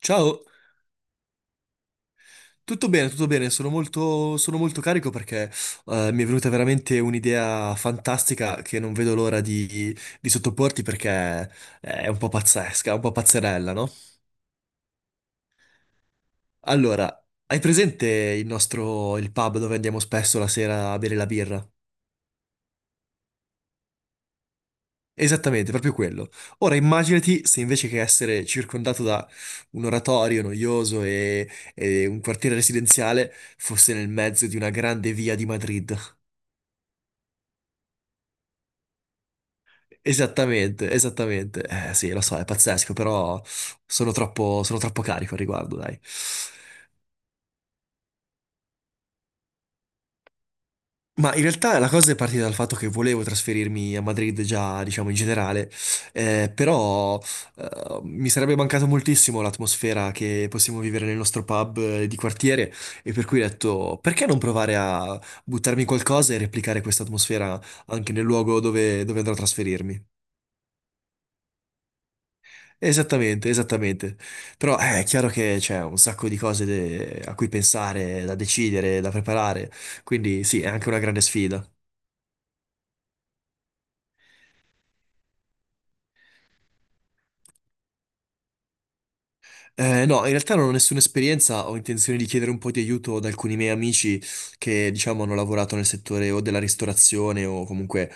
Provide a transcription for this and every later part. Ciao, tutto bene, sono molto carico perché mi è venuta veramente un'idea fantastica che non vedo l'ora di sottoporti perché è un po' pazzesca, un po' pazzerella, no? Allora, hai presente il pub dove andiamo spesso la sera a bere la birra? Esattamente, proprio quello. Ora immaginati se invece che essere circondato da un oratorio noioso e un quartiere residenziale fosse nel mezzo di una grande via di Madrid. Esattamente, esattamente. Sì, lo so, è pazzesco, però sono troppo carico al riguardo, dai. Ma in realtà la cosa è partita dal fatto che volevo trasferirmi a Madrid già, diciamo, in generale, però mi sarebbe mancato moltissimo l'atmosfera che possiamo vivere nel nostro pub di quartiere e per cui ho detto, perché non provare a buttarmi in qualcosa e replicare questa atmosfera anche nel luogo dove andrò a trasferirmi? Esattamente, esattamente. Però è chiaro che c'è un sacco di cose a cui pensare, da decidere, da preparare, quindi sì, è anche una grande sfida. No, in realtà non ho nessuna esperienza, ho intenzione di chiedere un po' di aiuto ad alcuni miei amici che, diciamo, hanno lavorato nel settore o della ristorazione o comunque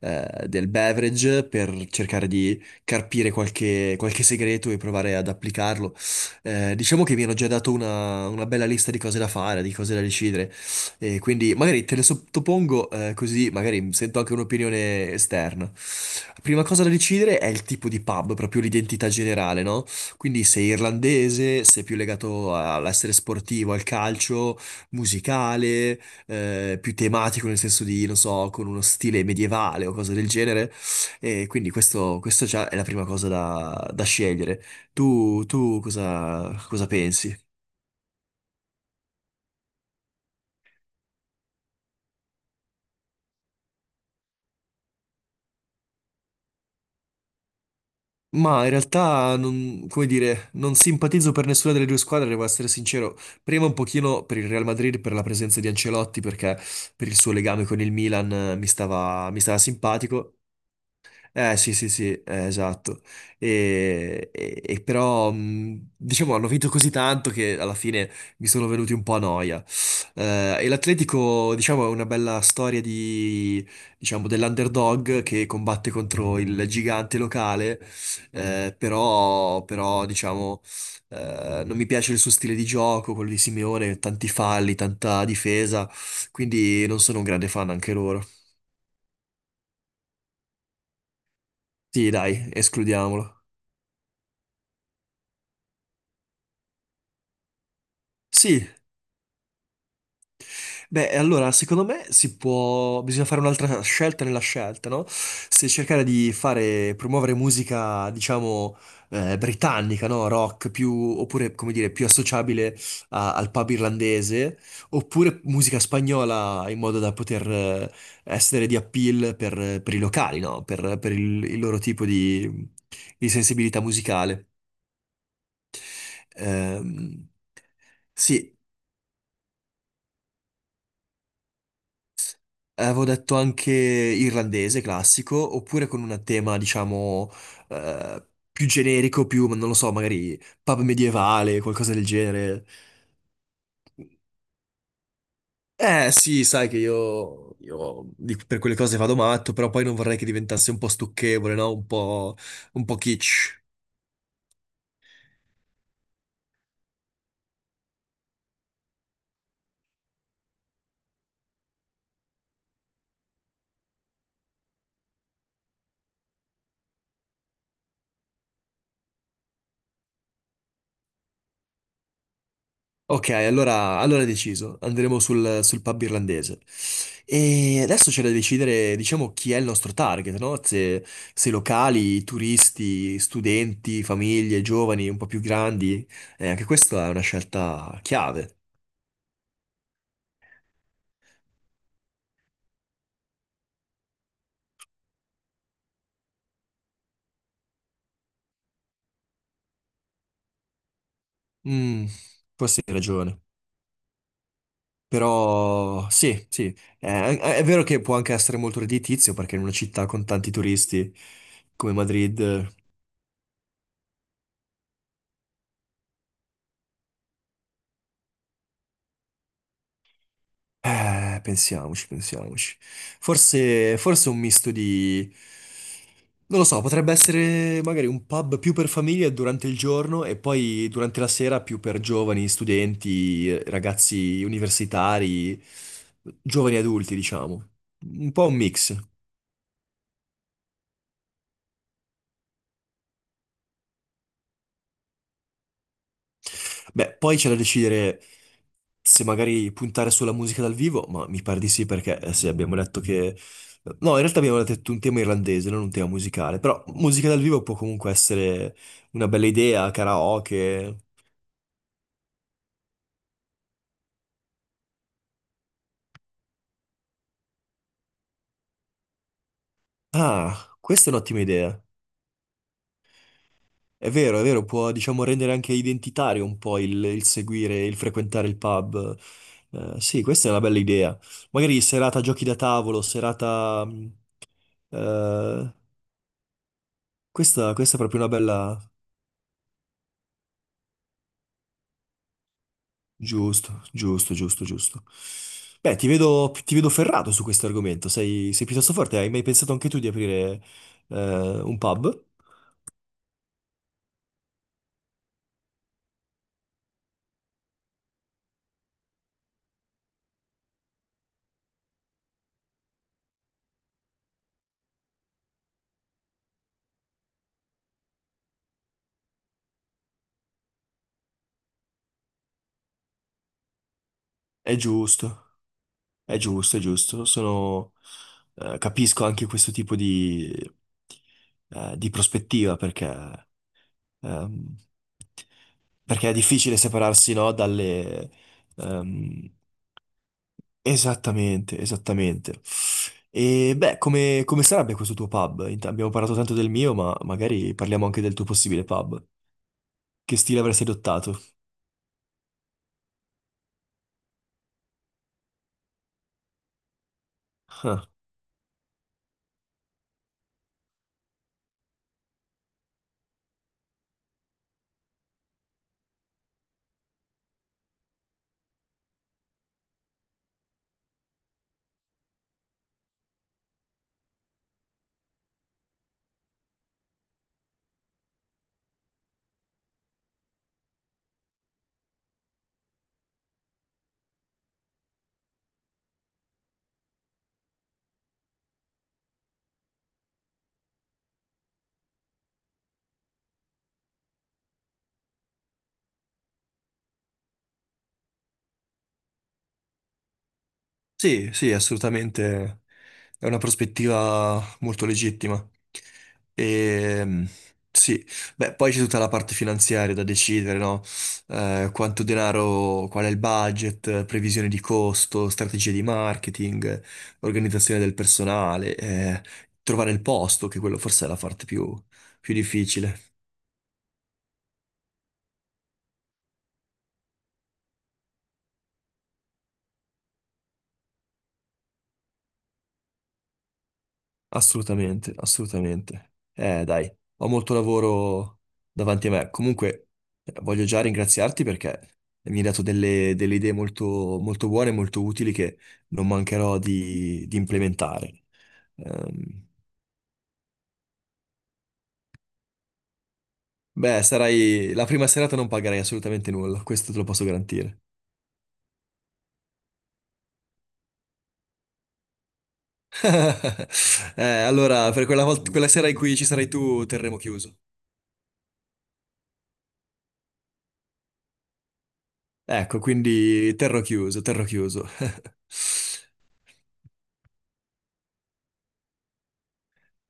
del beverage per cercare di carpire qualche segreto e provare ad applicarlo. Diciamo che mi hanno già dato una bella lista di cose da fare, di cose da decidere, e quindi magari te le sottopongo così magari sento anche un'opinione esterna. La prima cosa da decidere è il tipo di pub, proprio l'identità generale, no? Quindi sei irlandese, sei più legato all'essere sportivo, al calcio, musicale, più tematico nel senso di, non so, con uno stile medievale o cose del genere. E quindi questo già è la prima cosa da scegliere. Tu cosa pensi? Ma in realtà, non, come dire, non simpatizzo per nessuna delle due squadre, devo essere sincero. Prima un pochino per il Real Madrid, per la presenza di Ancelotti, perché per il suo legame con il Milan mi stava simpatico. Eh sì sì sì, esatto. E però diciamo hanno vinto così tanto che alla fine mi sono venuti un po' a noia. E l'Atletico diciamo è una bella storia di, diciamo, dell'underdog che combatte contro il gigante locale, però diciamo non mi piace il suo stile di gioco, quello di Simeone, tanti falli, tanta difesa, quindi non sono un grande fan anche loro. Sì dai, escludiamolo. Sì. Beh, e allora, secondo me si può, bisogna fare un'altra scelta nella scelta, no? Se cercare di fare, promuovere musica, diciamo, britannica, no? Rock, più, oppure, come dire, più associabile al pub irlandese, oppure musica spagnola in modo da poter essere di appeal per i locali, no? Per il loro tipo di sensibilità musicale. Ehm, sì. Avevo detto anche irlandese classico, oppure con un tema, diciamo, eh, più generico, più, non lo so, magari pub medievale, qualcosa del genere. Eh sì, sai che io per quelle cose vado matto, però poi non vorrei che diventasse un po' stucchevole, no? Un po' kitsch. Ok, allora è deciso, andremo sul pub irlandese. E adesso c'è da decidere, diciamo, chi è il nostro target, no? Se locali, turisti, studenti, famiglie, giovani, un po' più grandi. Anche questa è una scelta chiave. Mm, forse hai ragione. Però sì, sì, eh, è vero che può anche essere molto redditizio perché in una città con tanti turisti come Madrid. Pensiamoci, pensiamoci. Forse, forse un misto di… Non lo so, potrebbe essere magari un pub più per famiglie durante il giorno e poi durante la sera più per giovani, studenti, ragazzi universitari, giovani adulti, diciamo. Un po' un mix. Beh, poi c'è da decidere se magari puntare sulla musica dal vivo, ma mi pare di sì perché sì, abbiamo detto che… No, in realtà abbiamo detto un tema irlandese, non un tema musicale, però musica dal vivo può comunque essere una bella idea, karaoke. Ah, questa è un'ottima idea. È vero, può diciamo rendere anche identitario un po' il seguire, il frequentare il pub. Sì, questa è una bella idea. Magari serata giochi da tavolo, serata… eh, questa, questa è proprio una bella… Giusto, giusto, giusto, giusto. Beh, ti vedo ferrato su questo argomento, sei piuttosto forte, hai mai pensato anche tu di aprire un pub? È giusto, è giusto, è giusto. Sono, capisco anche questo tipo di prospettiva perché, ehm, perché è difficile separarsi, no, dalle, ehm, esattamente, esattamente. E beh, come sarebbe questo tuo pub? Abbiamo parlato tanto del mio, ma magari parliamo anche del tuo possibile pub. Che stile avresti adottato? Sì, sì, assolutamente. È una prospettiva molto legittima. E, sì, beh, poi c'è tutta la parte finanziaria da decidere, no? Quanto denaro, qual è il budget, previsione di costo, strategie di marketing, organizzazione del personale, trovare il posto, che quello forse è la parte più, più difficile. Assolutamente, assolutamente. Dai, ho molto lavoro davanti a me. Comunque, voglio già ringraziarti perché mi hai dato delle idee molto, molto buone e molto utili che non mancherò di implementare. Ehm, beh, sarai la prima serata non pagherai assolutamente nulla, questo te lo posso garantire. Allora, per quella volta, quella sera in cui ci sarai tu, terremo chiuso. Ecco, quindi terrò chiuso, terrò chiuso.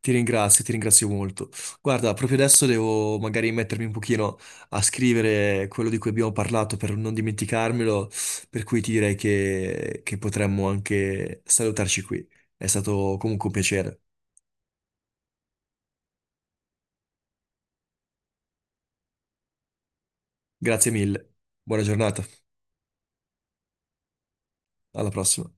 Ti ringrazio molto. Guarda, proprio adesso devo magari mettermi un pochino a scrivere quello di cui abbiamo parlato per non dimenticarmelo, per cui ti direi che potremmo anche salutarci qui. È stato comunque un piacere. Grazie mille. Buona giornata. Alla prossima.